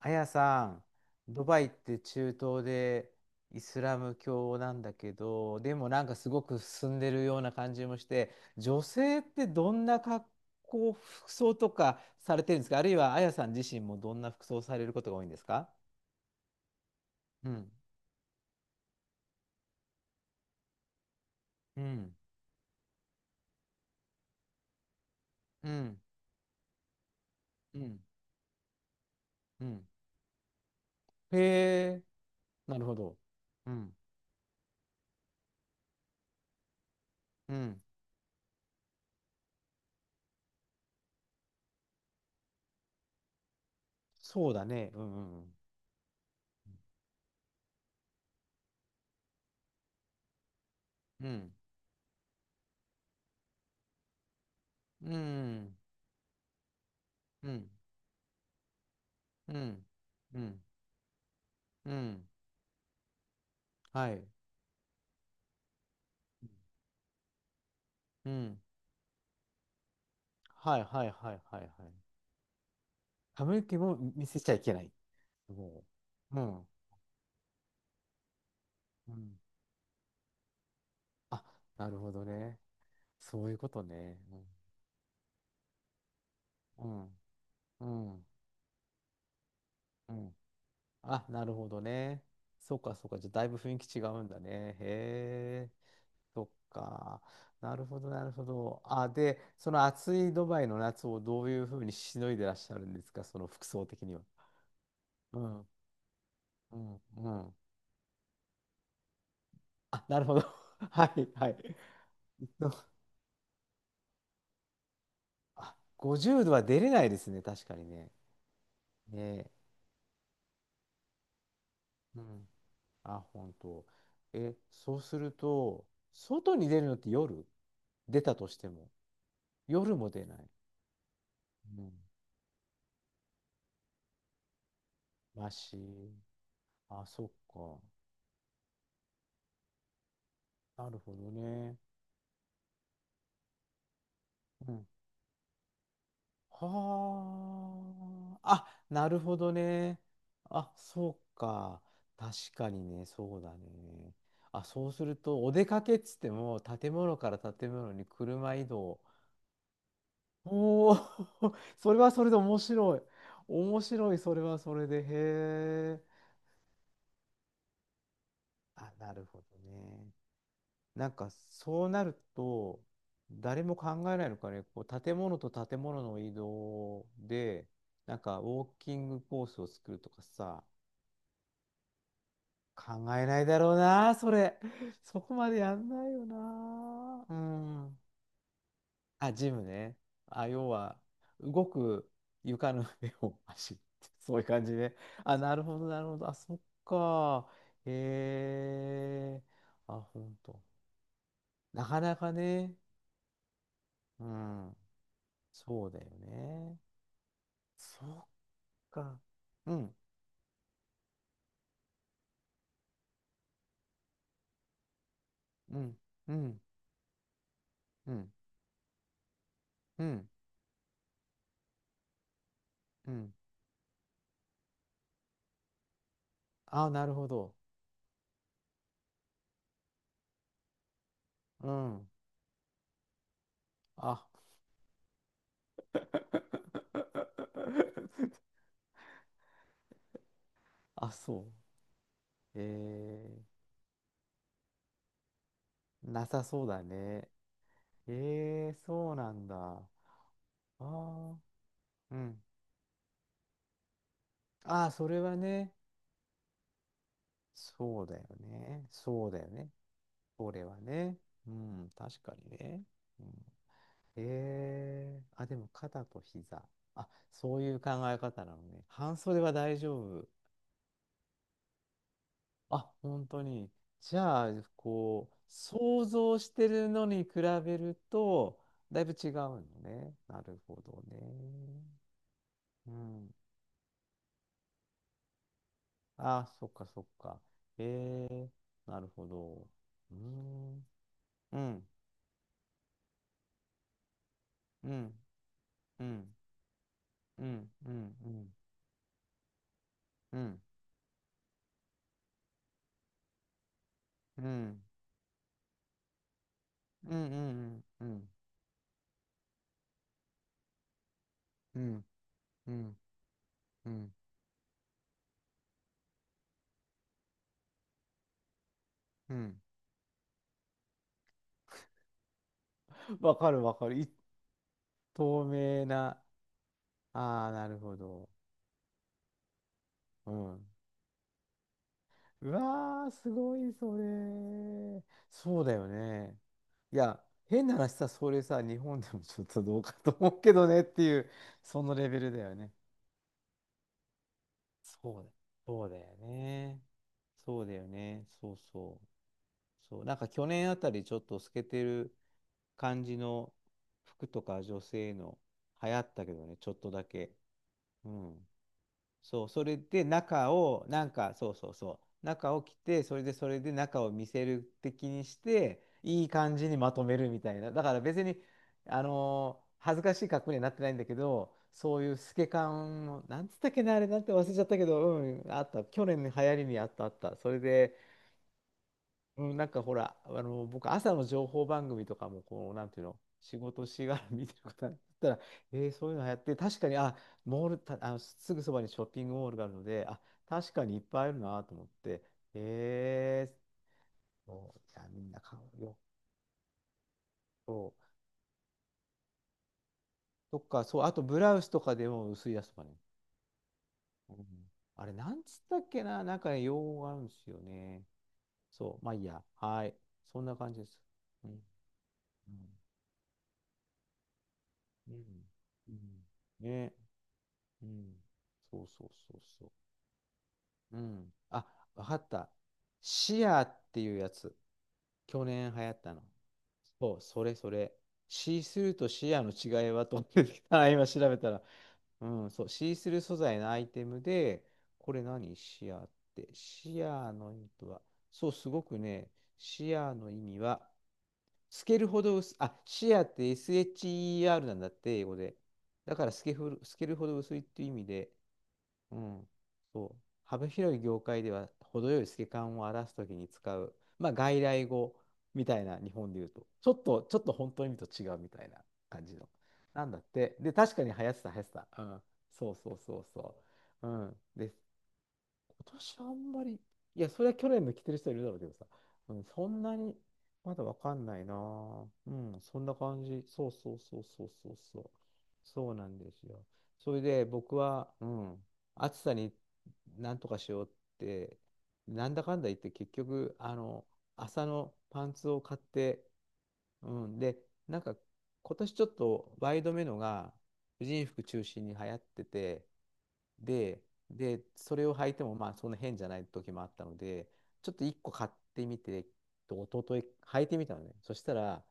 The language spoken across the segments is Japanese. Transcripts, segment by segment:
あやさん、ドバイって中東でイスラム教なんだけど、でもなんかすごく進んでるような感じもして、女性ってどんな格好、服装とかされてるんですか？あるいはあやさん自身もどんな服装されることが多いんですか？うん、うん、うん、うん、うん。へえ、なるほど。うん、うん。そうだね。うん、うん、うん。うん、うん、うん、うん。うん、はい。うん、うん、はいはいはいはいはい。髪の毛も見せちゃいけない。もう。うん。うん。あ、なるほどね。そういうことね。うん。うん。うん。うん、あ、なるほどね。そうかそうか。じゃあだいぶ雰囲気違うんだね。へえ。そっか。なるほどなるほど。あ、で、その暑いドバイの夏をどういうふうにしのいでらっしゃるんですか、その服装的には。うん。うん。うん。あ、なるほど。はいはい。あ、50度は出れないですね、確かにね。ねえ。うん。あ、本当。え、そうすると、外に出るのって夜出たとしても。夜も出ない。うん。マシ。あ、そっか。なるほどね。うん。はあ。あ、なるほどね。あ、そうか。確かにね、そうだね。あ、そうすると、お出かけっつっても、建物から建物に車移動。おお、それはそれで面白い。面白い、それはそれで。へえ。あ、なるほどね。なんかそうなると、誰も考えないのかね、こう建物と建物の移動で、なんかウォーキングコースを作るとかさ、考えないだろうな、それ。そこまでやんないよな。うん。あ、ジムね。あ、要は、動く床の上を走るって、そういう感じで。あ、なるほど、なるほど。あ、そっか。へえ。あ、ほんと。なかなかね。うん。そうだよね。そっか。うん、うん、うん、うん、うん、うん。あ、なるほど。うん。あ。あ、そう。えー、なさそうだね。ええ、そうなんだ。ああ、うん。ああ、それはね、そうだよね。そうだよね。それはね。うん、確かにね。うん、ええ、あ、でも肩と膝。あ、そういう考え方なのね。半袖は大丈夫。あ、本当に。じゃあ、こう、想像してるのに比べると、だいぶ違うのね。なるほどね。うん。あ、そっかそっか。えー、なるほど。うーん。うん、うん、うん、うん、うん、うん、うん、うん、うん、うん、うん、うん、うん、うん。わかるわかる。い、透明な。ああ、なるほど。うん。うわー、すごい、それ。そうだよね。いや、変な話さ、それさ、日本でもちょっとどうかと思うけどねっていう、そのレベルだよね。そうだ、そうだよね。そうだよね。そうそう。そう。なんか去年あたりちょっと透けてる感じの服とか女性の流行ったけどね、ちょっとだけ。うん。そう、それで中を、なんか、中を着て、それで中を見せる的にして、いい感じにまとめるみたいな。だから別に、恥ずかしい格好にはなってないんだけど、そういう透け感を、なんつったっけな、あれなんて忘れちゃったけど、うん、あった。去年の流行りにあったあった。それで、うん、なんかほら、僕、朝の情報番組とかも、こう、なんていうの、仕事しがら見てることだったら、そういうのやって、確かに、あ、モール、た、すぐそばにショッピングモールがあるので、あ、確かにいっぱいあるなと思って、えー、そう、じゃあみんな買うよ。そう。とか、そう、あとブラウスとかでも薄いやつとかね。うん、あれ、なんつったっけな、なんかね、用語があるんですよね。そう、まあいいや。はい。そんな感じです。うん。うん。うん。うん、ね、うん。そうそうそうそう。うん。あ、わかった。シアーっていうやつ。去年流行ったの。そう、それそれ。シースルーとシアーの違いはと思ってきた。今調べたら。うん、そう、シースルー素材のアイテムで、これ何シアーって。シアーの意味とは、そう、すごくね、シアーの意味は、透けるほど薄い、あ、シアーって SHER なんだって、英語で。だから透けふる、透けるほど薄いっていう意味で、うん、そう。幅広い業界では程よい透け感を表すときに使う、まあ、外来語みたいな日本で言うと、ちょっと、ちょっと本当の意味と違うみたいな感じの。なんだって。で、確かに流行ってた。うん。そうそうそうそう。うん。で、今年あんまり、いや、それは去年も着てる人いるだろうけどさ、うん、そんなに、まだわかんないなぁ。うん、そんな感じ。そうそうそうそうそうそう。そうなんですよ。それで僕は、うん、暑さになんとかしようって、なんだかんだ言って結局、朝のパンツを買って、うん、で、なんか今年ちょっとワイドめのが婦人服中心に流行ってて、で、で、それを履いてもまあそんな変じゃない時もあったので、ちょっと1個買ってみて、と一昨日履いてみたのね。そしたら、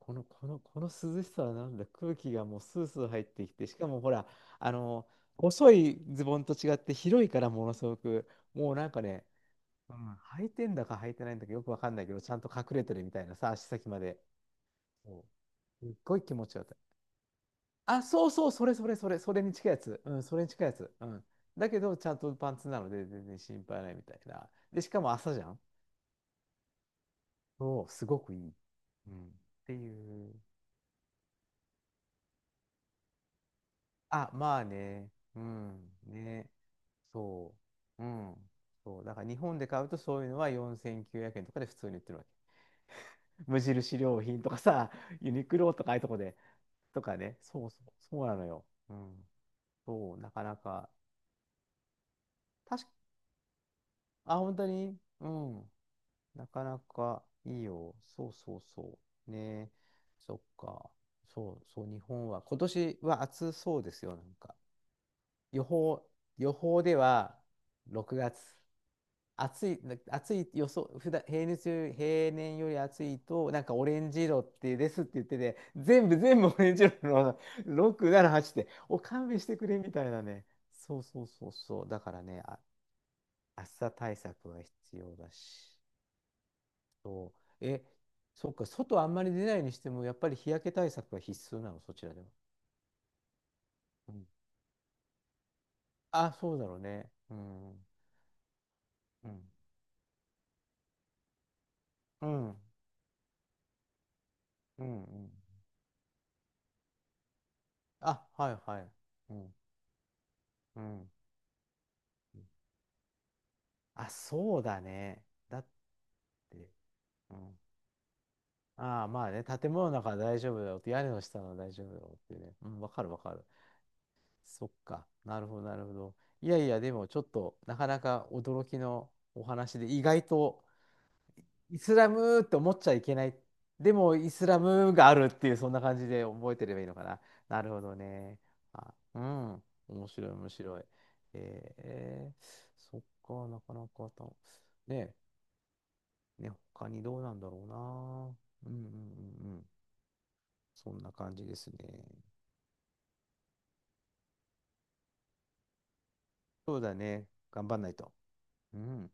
この涼しさはなんだ、空気がもうスースー入ってきて、しかもほら、あの、細いズボンと違って広いからものすごく、もうなんかね、うん、履いてんだか履いてないんだかよくわかんないけど、ちゃんと隠れてるみたいなさ、足先まで。そう、すっごい気持ちよかった。あ、そうそう、それに近いやつ。うん、それに近いやつ。うん。だけど、ちゃんとパンツなので全然心配ないみたいな。で、しかも朝じゃん。そう、すごくいい。うん。っていう。あ、まあね。うん。ね。そう。うん。そう。だから日本で買うとそういうのは4900円とかで普通に売ってるわけ。無印良品とかさ、ユニクロとかああいうとこで。とかね。そうそう。そうなのよ。うん。そう、なかなか。確、あ、本当に、うん。なかなかいいよ。そうそうそう。ねえ、そっか。そうそう、日本は。今年は暑そうですよ、なんか。予報、予報では6月。暑い、な暑い予想、普段、平熱より、平年より暑いと、なんかオレンジ色ってですって言ってて、全部オレンジ色の6、7、8って、お勘弁してくれみたいなね。そうそうそうそう。だからね、あ、暑さ対策は必要だし。そう。え、そっか、外あんまり出ないにしても、やっぱり日焼け対策は必須なの、そちらでは。うん、あ、そうだろうね。うん。うん。うん。うん。うん、あ、はいはい。うん。うん。あ、そうだね。だって、うん。ああ、まあね、建物の中は大丈夫だよって、屋根の下は大丈夫だよってね。うん、わかるわかる。そっか。なるほど、なるほど。いやいや、でもちょっと、なかなか驚きのお話で、意外と、イスラムって思っちゃいけない。でも、イスラムがあるっていう、そんな感じで覚えてればいいのかな。なるほどね。あ、うん。面白い、面白い。えー、そっか、なかなかた、ね、ね、他にどうなんだろうな。うんうんうんうん。そんな感じですね。そうだね。頑張んないと。うん。